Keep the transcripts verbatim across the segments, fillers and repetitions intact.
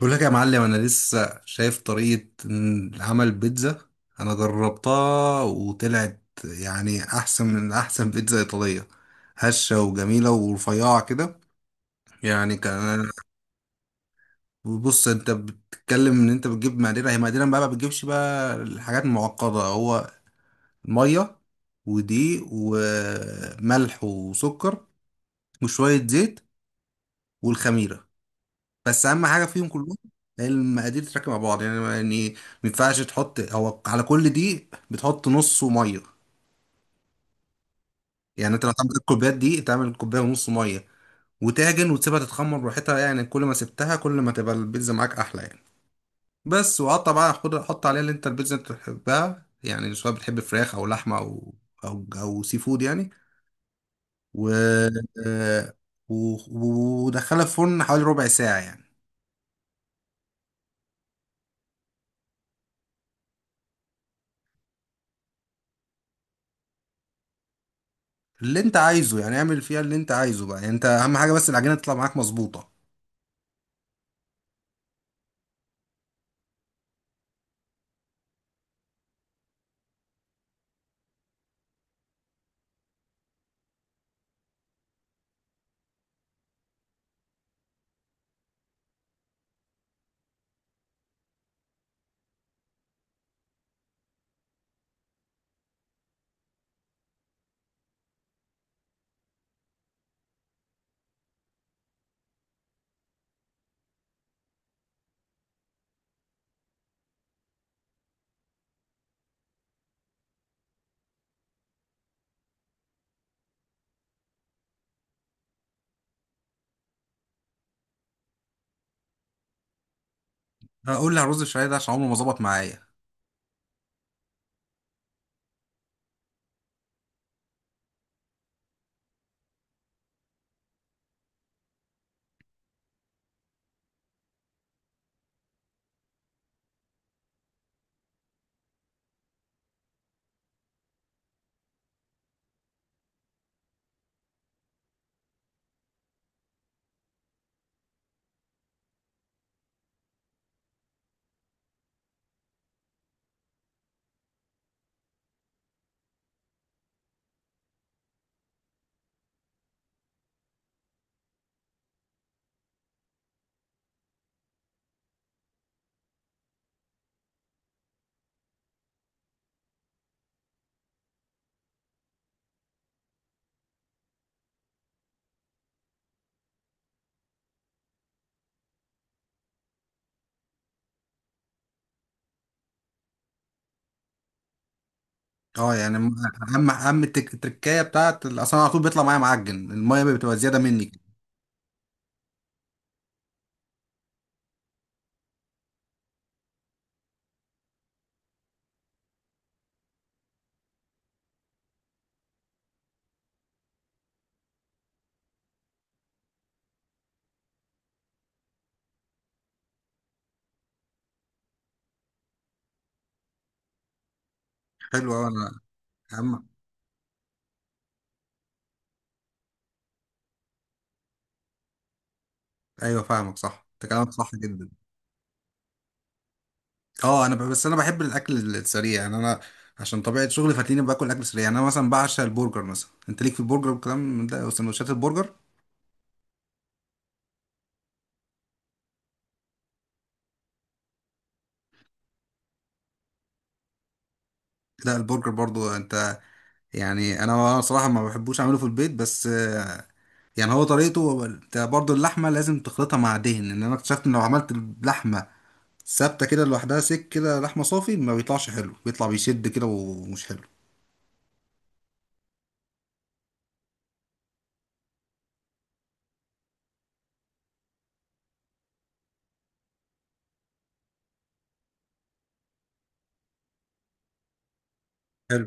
بقول لك يا معلم انا لسه شايف طريقة عمل بيتزا. انا جربتها وطلعت يعني احسن من احسن بيتزا ايطالية، هشة وجميلة ورفيعة كده. يعني كان بص، انت بتتكلم ان انت بتجيب مقادير، هي مقادير بقى، ما بتجيبش بقى الحاجات المعقدة. هو مية ودقيق وملح وسكر وشوية زيت والخميرة. بس اهم حاجه فيهم كلهم هي المقادير تتركب مع بعض. يعني يعني ما ينفعش تحط، هو على كل دقيق بتحط نص ميه. يعني انت لو تعمل كوبايات دقيق تعمل كوبايه ونص ميه، وتعجن وتسيبها تتخمر براحتها. يعني كل ما سبتها كل ما تبقى البيتزا معاك احلى يعني. بس وقطع بقى، خد حط عليها اللي انت البيتزا انت بتحبها، يعني سواء بتحب فراخ او لحمه او او او سي فود يعني. و آه، و- و- ودخلها في الفرن حوالي ربع ساعه يعني. اللي انت عايزه، يعني اعمل فيها اللي انت عايزه بقى. يعني انت اهم حاجه بس العجينه تطلع معاك مظبوطه. هقول لي على الرز الشعريه ده عشان عمره ما ظبط معايا. اه يعني م- اهم اهم التك- التركايه بتاعت اصلا على طول بيطلع معايا معجن، الميه بتبقى زياده مني كده. حلو قوي انا. اهم. ايوه فاهمك صح، انت كلامك صح جدا. اه انا ب- بس انا بحب الاكل السريع يعني. انا عشان طبيعه شغلي فتلاقيني باكل اكل سريع. يعني انا مثلا بعشق البرجر مثلا، انت ليك في البرجر والكلام من ده وسندوتشات البرجر. لا البرجر برضو انت، يعني انا صراحه ما بحبوش اعمله في البيت. بس آه، يعني هو طريقته، هو انت برضه اللحمه لازم تخلطها مع دهن. ان انا اكتشفت ان لو عملت اللحمه ثابته كده لوحدها سك كده لحمه صافي ما بيطلعش حلو، بيطلع بيشد كده ومش حلو. حلو.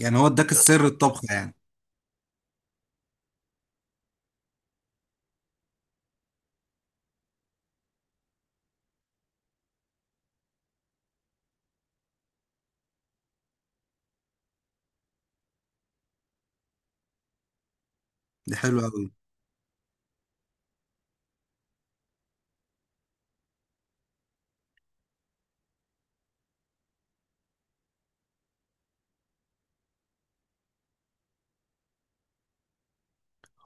يعني هو اداك السر الطبخ يعني. دي حلو قوي.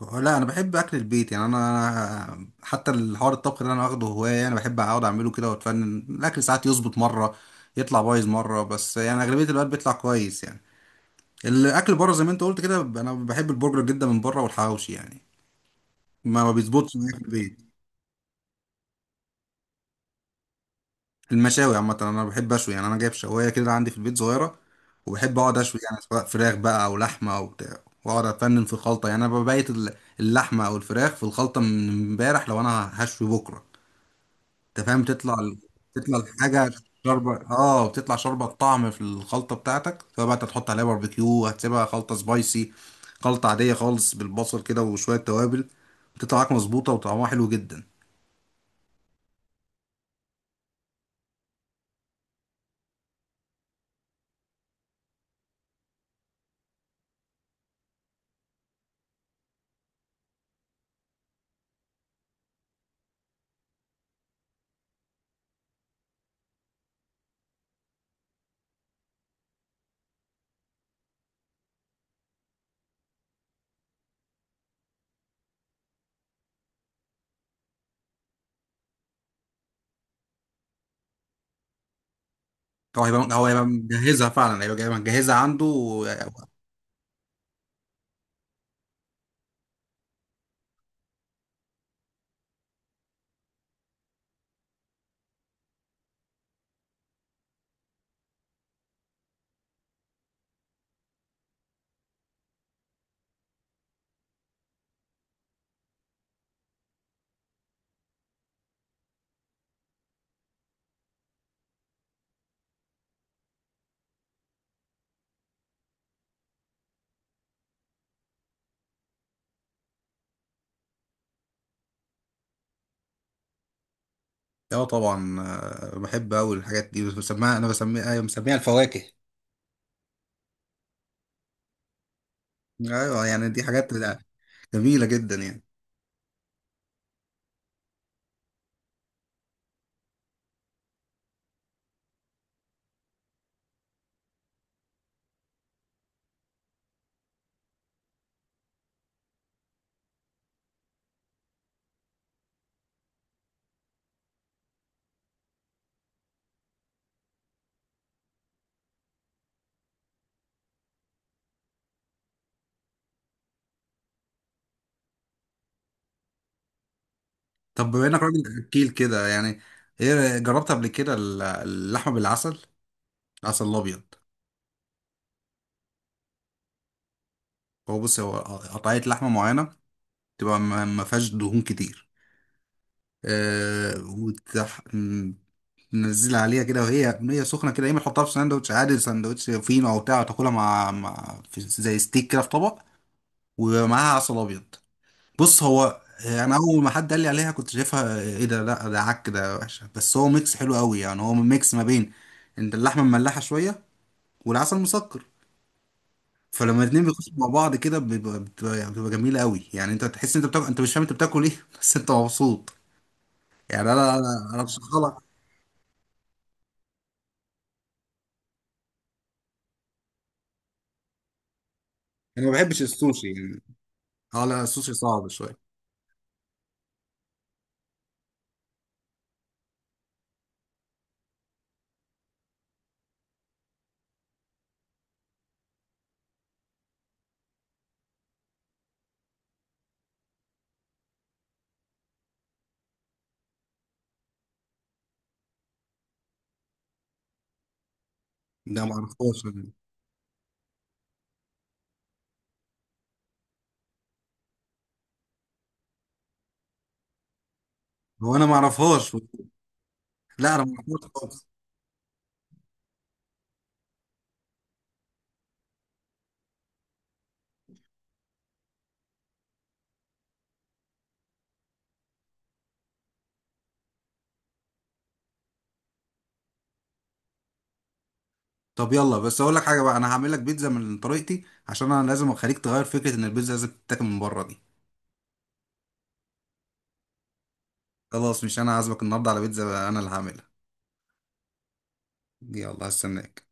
لا انا بحب اكل البيت، يعني انا، أنا حتى الحوار الطبخ اللي انا واخده هوايه، يعني بحب اقعد اعمله كده واتفنن. الاكل ساعات يظبط مره يطلع بايظ مره، بس يعني اغلبيه الوقت بيطلع كويس. يعني الاكل بره زي ما انت قلت كده، انا بحب البرجر جدا من بره والحواوشي. يعني ما ما بيظبطش معايا في البيت. المشاوي عامه انا بحب اشوي. يعني انا جايب شوايه كده عندي في البيت صغيره، وبحب اقعد اشوي يعني، سواء فراخ بقى او لحمه او بتاع. واقعد افنن في الخلطه يعني، انا ببيت ال- اللحمه او الفراخ في الخلطه من امبارح لو انا هشوي بكره. انت فاهم؟ تطلع، تطلع الحاجه شوربه. اه بتطلع شوربه الطعم في الخلطه بتاعتك. فبقى انت تحط عليها باربيكيو، هتسيبها خلطه سبايسي، خلطه عاديه خالص بالبصل كده وشويه توابل، بتطلع معاك مظبوطه وطعمها حلو جدا. هو هيبقى هو هيبقى مجهزها فعلا، هيبقى جايبها- مجهزها عنده و-. اه طبعا. آه، بحب قوي الحاجات دي. بسميها انا بسميها أيوة، مسميها الفواكه. ايوه يعني دي حاجات جميله جدا يعني. طب بما انك راجل اكيل كده، يعني ايه جربت قبل كده ال- اللحمه بالعسل؟ عسل ابيض. هو بص، هو قطعيه لحمه معينه، تبقى ما ما فيهاش دهون كتير. آه وتح... م- ننزل عليها كده وهي هي سخنه كده، يا اما تحطها في ساندوتش عادي، ساندوتش فينو او بتاع، تاكلها مع, مع في زي ستيك كده في طبق، ومعاها عسل ابيض. بص هو، آه، انا اول ما حد قال لي عليها كنت شايفها آه، ايه ده، لا ده عك ده وحشه. بس هو ميكس حلو قوي. يعني هو ميكس ما بين انت اللحمه مملحه شويه، والعسل مسكر، فلما الاتنين بيخشوا مع بعض كده بيبقى- بتبقى يعني بتبقى جميله قوي. يعني انت تحس ان انت بتاكل، انت مش فاهم انت بتاكل ايه بس انت مبسوط. يعني انا انا انا مش، خلاص. انا ما بحبش السوشي يعني. اه لا السوشي صعب شويه. ده ما اعرفهاش يعني. هو انا ما اعرفهاش. لا انا ما اعرفهاش خالص. طب يلا، بس اقول لك حاجه بقى، انا هعمل لك بيتزا من طريقتي، عشان انا لازم اخليك تغير فكره ان البيتزا لازم تتاكل من بره دي. خلاص، مش انا عازمك النهارده على بيتزا انا اللي هعملها. يلا هستناك.